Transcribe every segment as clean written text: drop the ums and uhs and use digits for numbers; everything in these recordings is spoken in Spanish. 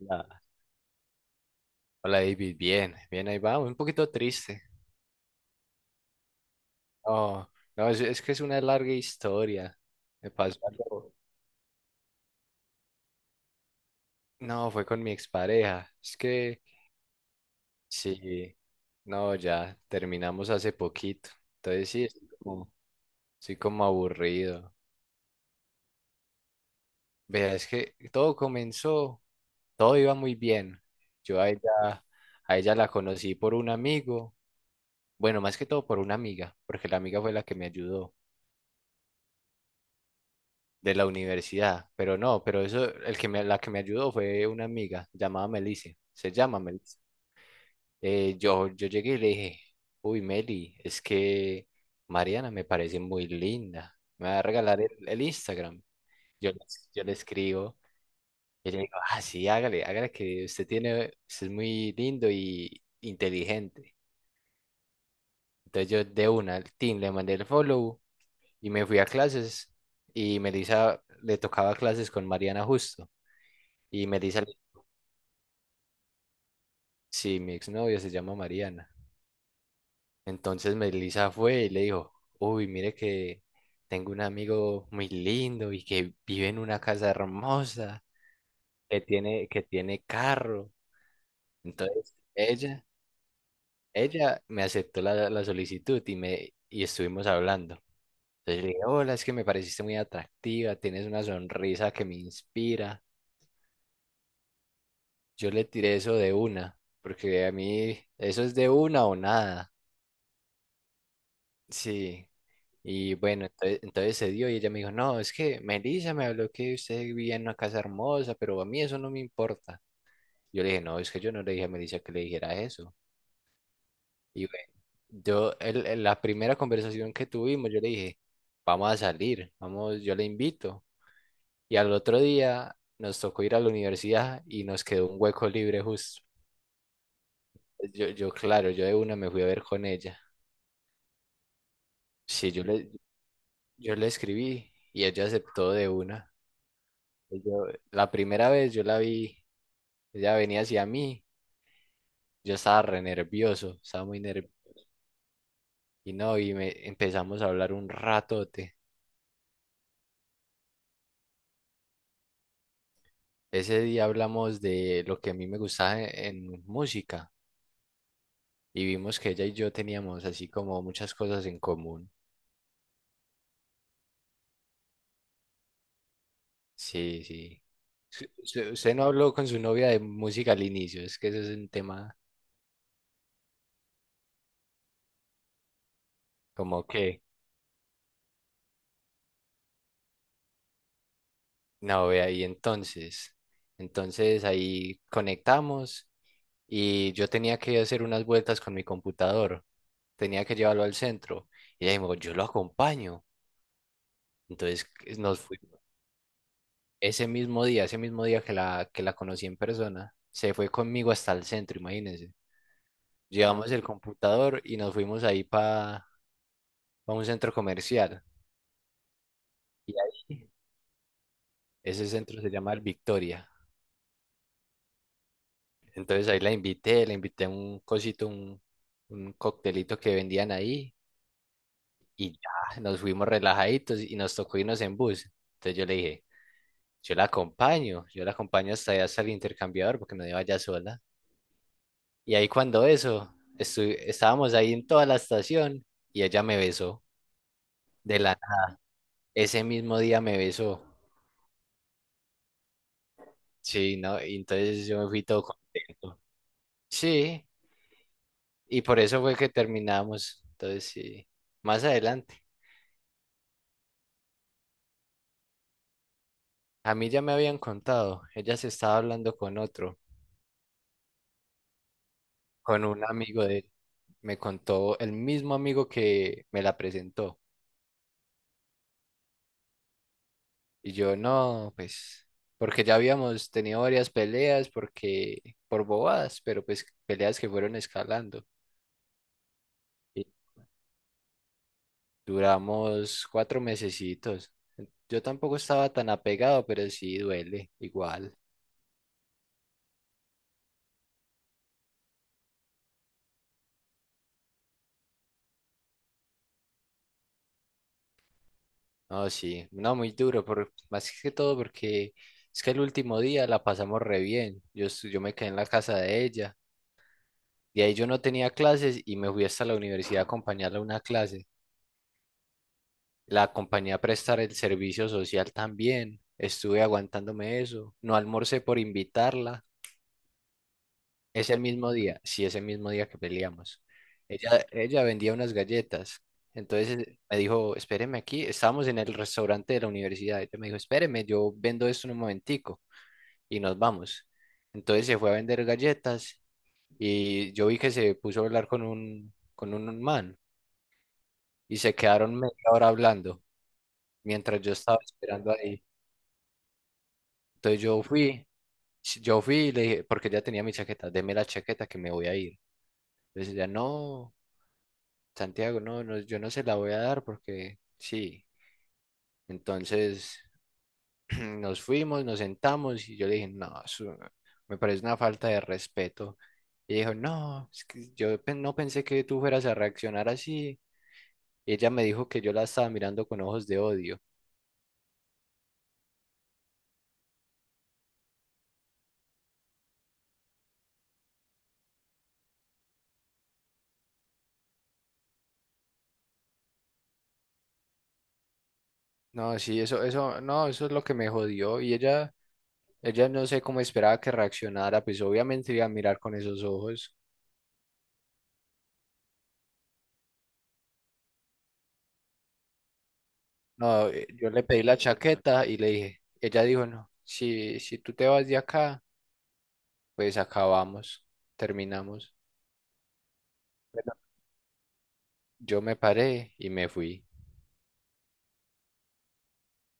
Hola, Hola, David, bien, bien, ahí va, un poquito triste. No, no, es que es una larga historia. Me pasó algo- No, fue con mi expareja. Es que sí, no, ya terminamos hace poquito. Entonces sí, estoy como aburrido. Vea, es que todo iba muy bien. Yo a ella, a ella la conocí por un amigo, bueno, más que todo por una amiga, porque la amiga fue la que me ayudó. De la universidad, pero no, pero eso, la que me ayudó fue una amiga llamada Melissa, se llama Melissa. Yo llegué y le dije, uy, Meli, es que Mariana me parece muy linda, me va a regalar el Instagram. Yo, le- yo le escribo y le digo, ah, sí, hágale, hágale que usted es muy lindo y inteligente. Entonces yo de una al team le mandé el follow y me fui a clases, y Melissa le tocaba clases con Mariana justo. Y Melissa Sí, mi exnovia se llama Mariana. Entonces Melissa fue y le dijo, uy, mire que tengo un amigo muy lindo y que vive en una casa hermosa, que tiene carro. Entonces ella me aceptó la solicitud y estuvimos hablando. Entonces le dije, hola, es que me pareciste muy atractiva, tienes una sonrisa que me inspira. Yo le tiré eso de una, porque a mí eso es de una o nada. Sí. Y bueno, entonces se dio y ella me dijo, no, es que Melissa me habló que usted vivía en una casa hermosa, pero a mí eso no me importa. Yo le dije, no, es que yo no le dije a Melissa que le dijera eso. Y bueno, la primera conversación que tuvimos, yo le dije, vamos a salir, vamos, yo le invito. Y al otro día nos tocó ir a la universidad y nos quedó un hueco libre justo. Claro, yo de una me fui a ver con ella. Sí, yo le escribí y ella aceptó de una. La primera vez yo la vi, ella venía hacia mí, yo estaba re nervioso, estaba muy nervioso. Y no, y me empezamos a hablar un ratote. Ese día hablamos de lo que a mí me gustaba en, música, y vimos que ella y yo teníamos así como muchas cosas en común. Sí, sí. Usted no habló con su novia de música al inicio, es que eso es un tema como que, no, ve ahí entonces. Entonces ahí conectamos y yo tenía que hacer unas vueltas con mi computador. Tenía que llevarlo al centro. Y ella me dijo, yo lo acompaño. Entonces, nos fuimos. Ese mismo día que la conocí en persona, se fue conmigo hasta el centro, imagínense. Llevamos el computador y nos fuimos ahí para un centro comercial. Y ahí, ese centro se llama el Victoria. Entonces ahí la invité a un cosito, un coctelito que vendían ahí. Y ya, nos fuimos relajaditos y nos tocó irnos en bus. Entonces yo le dije, yo la acompaño, yo la acompaño hasta allá, hasta el intercambiador, porque no iba ya sola. Y ahí cuando eso, estábamos ahí en toda la estación y ella me besó de la nada. Ese mismo día me besó. Sí, ¿no? Y entonces yo me fui todo contento. Sí, y por eso fue que terminamos. Entonces sí, más adelante. A mí ya me habían contado, ella se estaba hablando con otro, con un amigo de él. Me contó el mismo amigo que me la presentó. Y yo, no, pues, porque ya habíamos tenido varias peleas, porque, por bobadas, pero pues peleas que fueron escalando. Y duramos 4 mesecitos. Yo tampoco estaba tan apegado, pero sí duele, igual. No, sí, no, muy duro, por, más que todo porque es que el último día la pasamos re bien. Yo me quedé en la casa de ella. De ahí yo no tenía clases y me fui hasta la universidad a acompañarla a una clase. La compañía prestar el servicio social también. Estuve aguantándome eso. No almorcé por invitarla. Ese mismo día, sí, ese mismo día que peleamos. Ella vendía unas galletas. Entonces, me dijo, espéreme aquí. Estábamos en el restaurante de la universidad. Ella me dijo, espéreme, yo vendo esto en un momentico y nos vamos. Entonces se fue a vender galletas y yo vi que se puso a hablar con un, man, y se quedaron media hora hablando mientras yo estaba esperando ahí. Entonces yo fui, Sí, yo fui y le dije, porque ya tenía mi chaqueta, deme la chaqueta que me voy a ir. Entonces ella, no, Santiago, no, no, yo no se la voy a dar porque sí. Entonces nos fuimos, nos sentamos y yo le dije, no, eso me parece una falta de respeto. Y dijo, no, es que no pensé que tú fueras a reaccionar así. Y ella me dijo que yo la estaba mirando con ojos de odio. No, sí, eso, no, eso es lo que me jodió. Y ella no sé cómo esperaba que reaccionara, pues obviamente iba a mirar con esos ojos. No, yo le pedí la chaqueta y le dije, ella dijo, no, si tú te vas de acá, pues acabamos, terminamos. Bueno, yo me paré y me fui.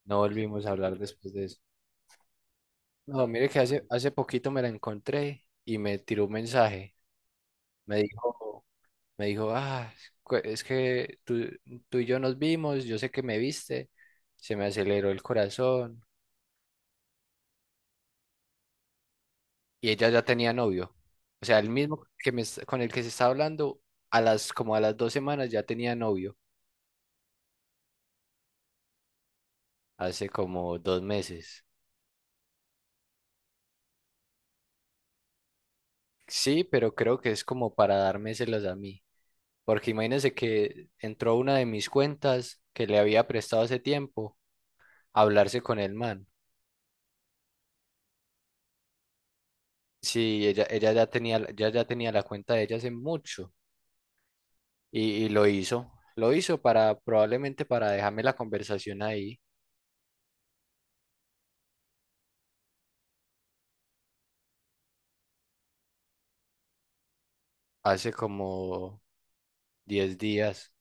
No volvimos a hablar después de eso. No, mire que hace poquito me la encontré y me tiró un mensaje. Me dijo, me dijo, ah, es que tú, y yo nos vimos, yo sé que me viste, se me aceleró el corazón, y ella ya tenía novio. O sea, el mismo con el que se está hablando, como a las 2 semanas ya tenía novio, hace como 2 meses. Sí, pero creo que es como para dármeselas a mí. Porque imagínense que entró una de mis cuentas que le había prestado hace tiempo a hablarse con el man. Sí, ella ya tenía la cuenta de ella hace mucho y lo hizo. Lo hizo para, probablemente para dejarme la conversación ahí hace como 10 días.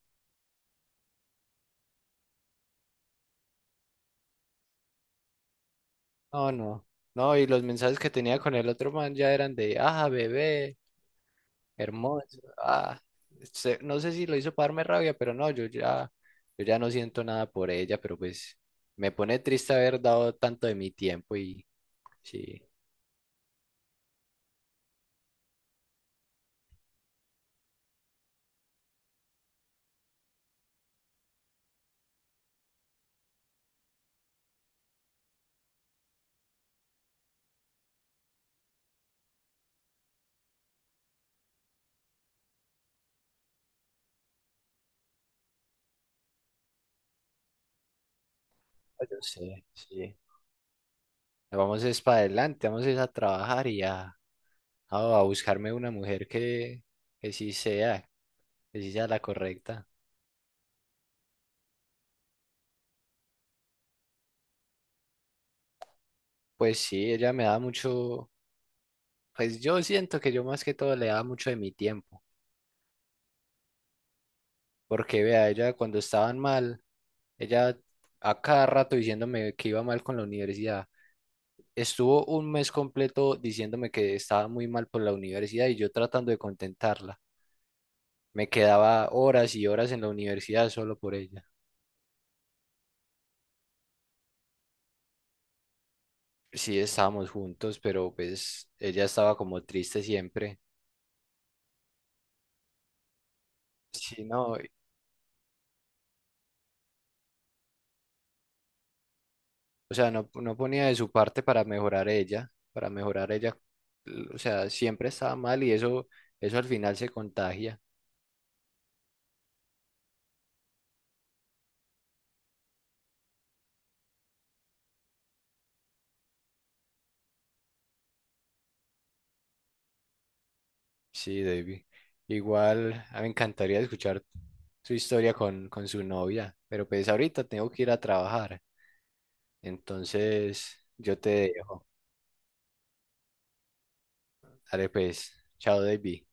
No, no. No, y los mensajes que tenía con el otro man ya eran de, ah, bebé, hermoso, ah. No sé si lo hizo para darme rabia, pero no, yo ya no siento nada por ella, pero pues me pone triste haber dado tanto de mi tiempo y sí, ah, yo sé, sí. Vamos es para adelante, vamos es a trabajar y a, a buscarme una mujer que sí sea, que sí sea la correcta. Pues sí, ella me da mucho, pues yo siento que yo más que todo le da mucho de mi tiempo. Porque vea, ella cuando estaban mal, ella a cada rato diciéndome que iba mal con la universidad. Estuvo un mes completo diciéndome que estaba muy mal por la universidad y yo tratando de contentarla. Me quedaba horas y horas en la universidad solo por ella. Sí, estábamos juntos, pero pues ella estaba como triste siempre. Sí, no, o sea, no, no ponía de su parte para mejorar ella, para mejorar ella. O sea, siempre estaba mal y eso al final se contagia. Sí, David. Igual, a mí me encantaría escuchar su historia con, su novia, pero pues ahorita tengo que ir a trabajar. Entonces, yo te dejo. Dale pues. Chao, David.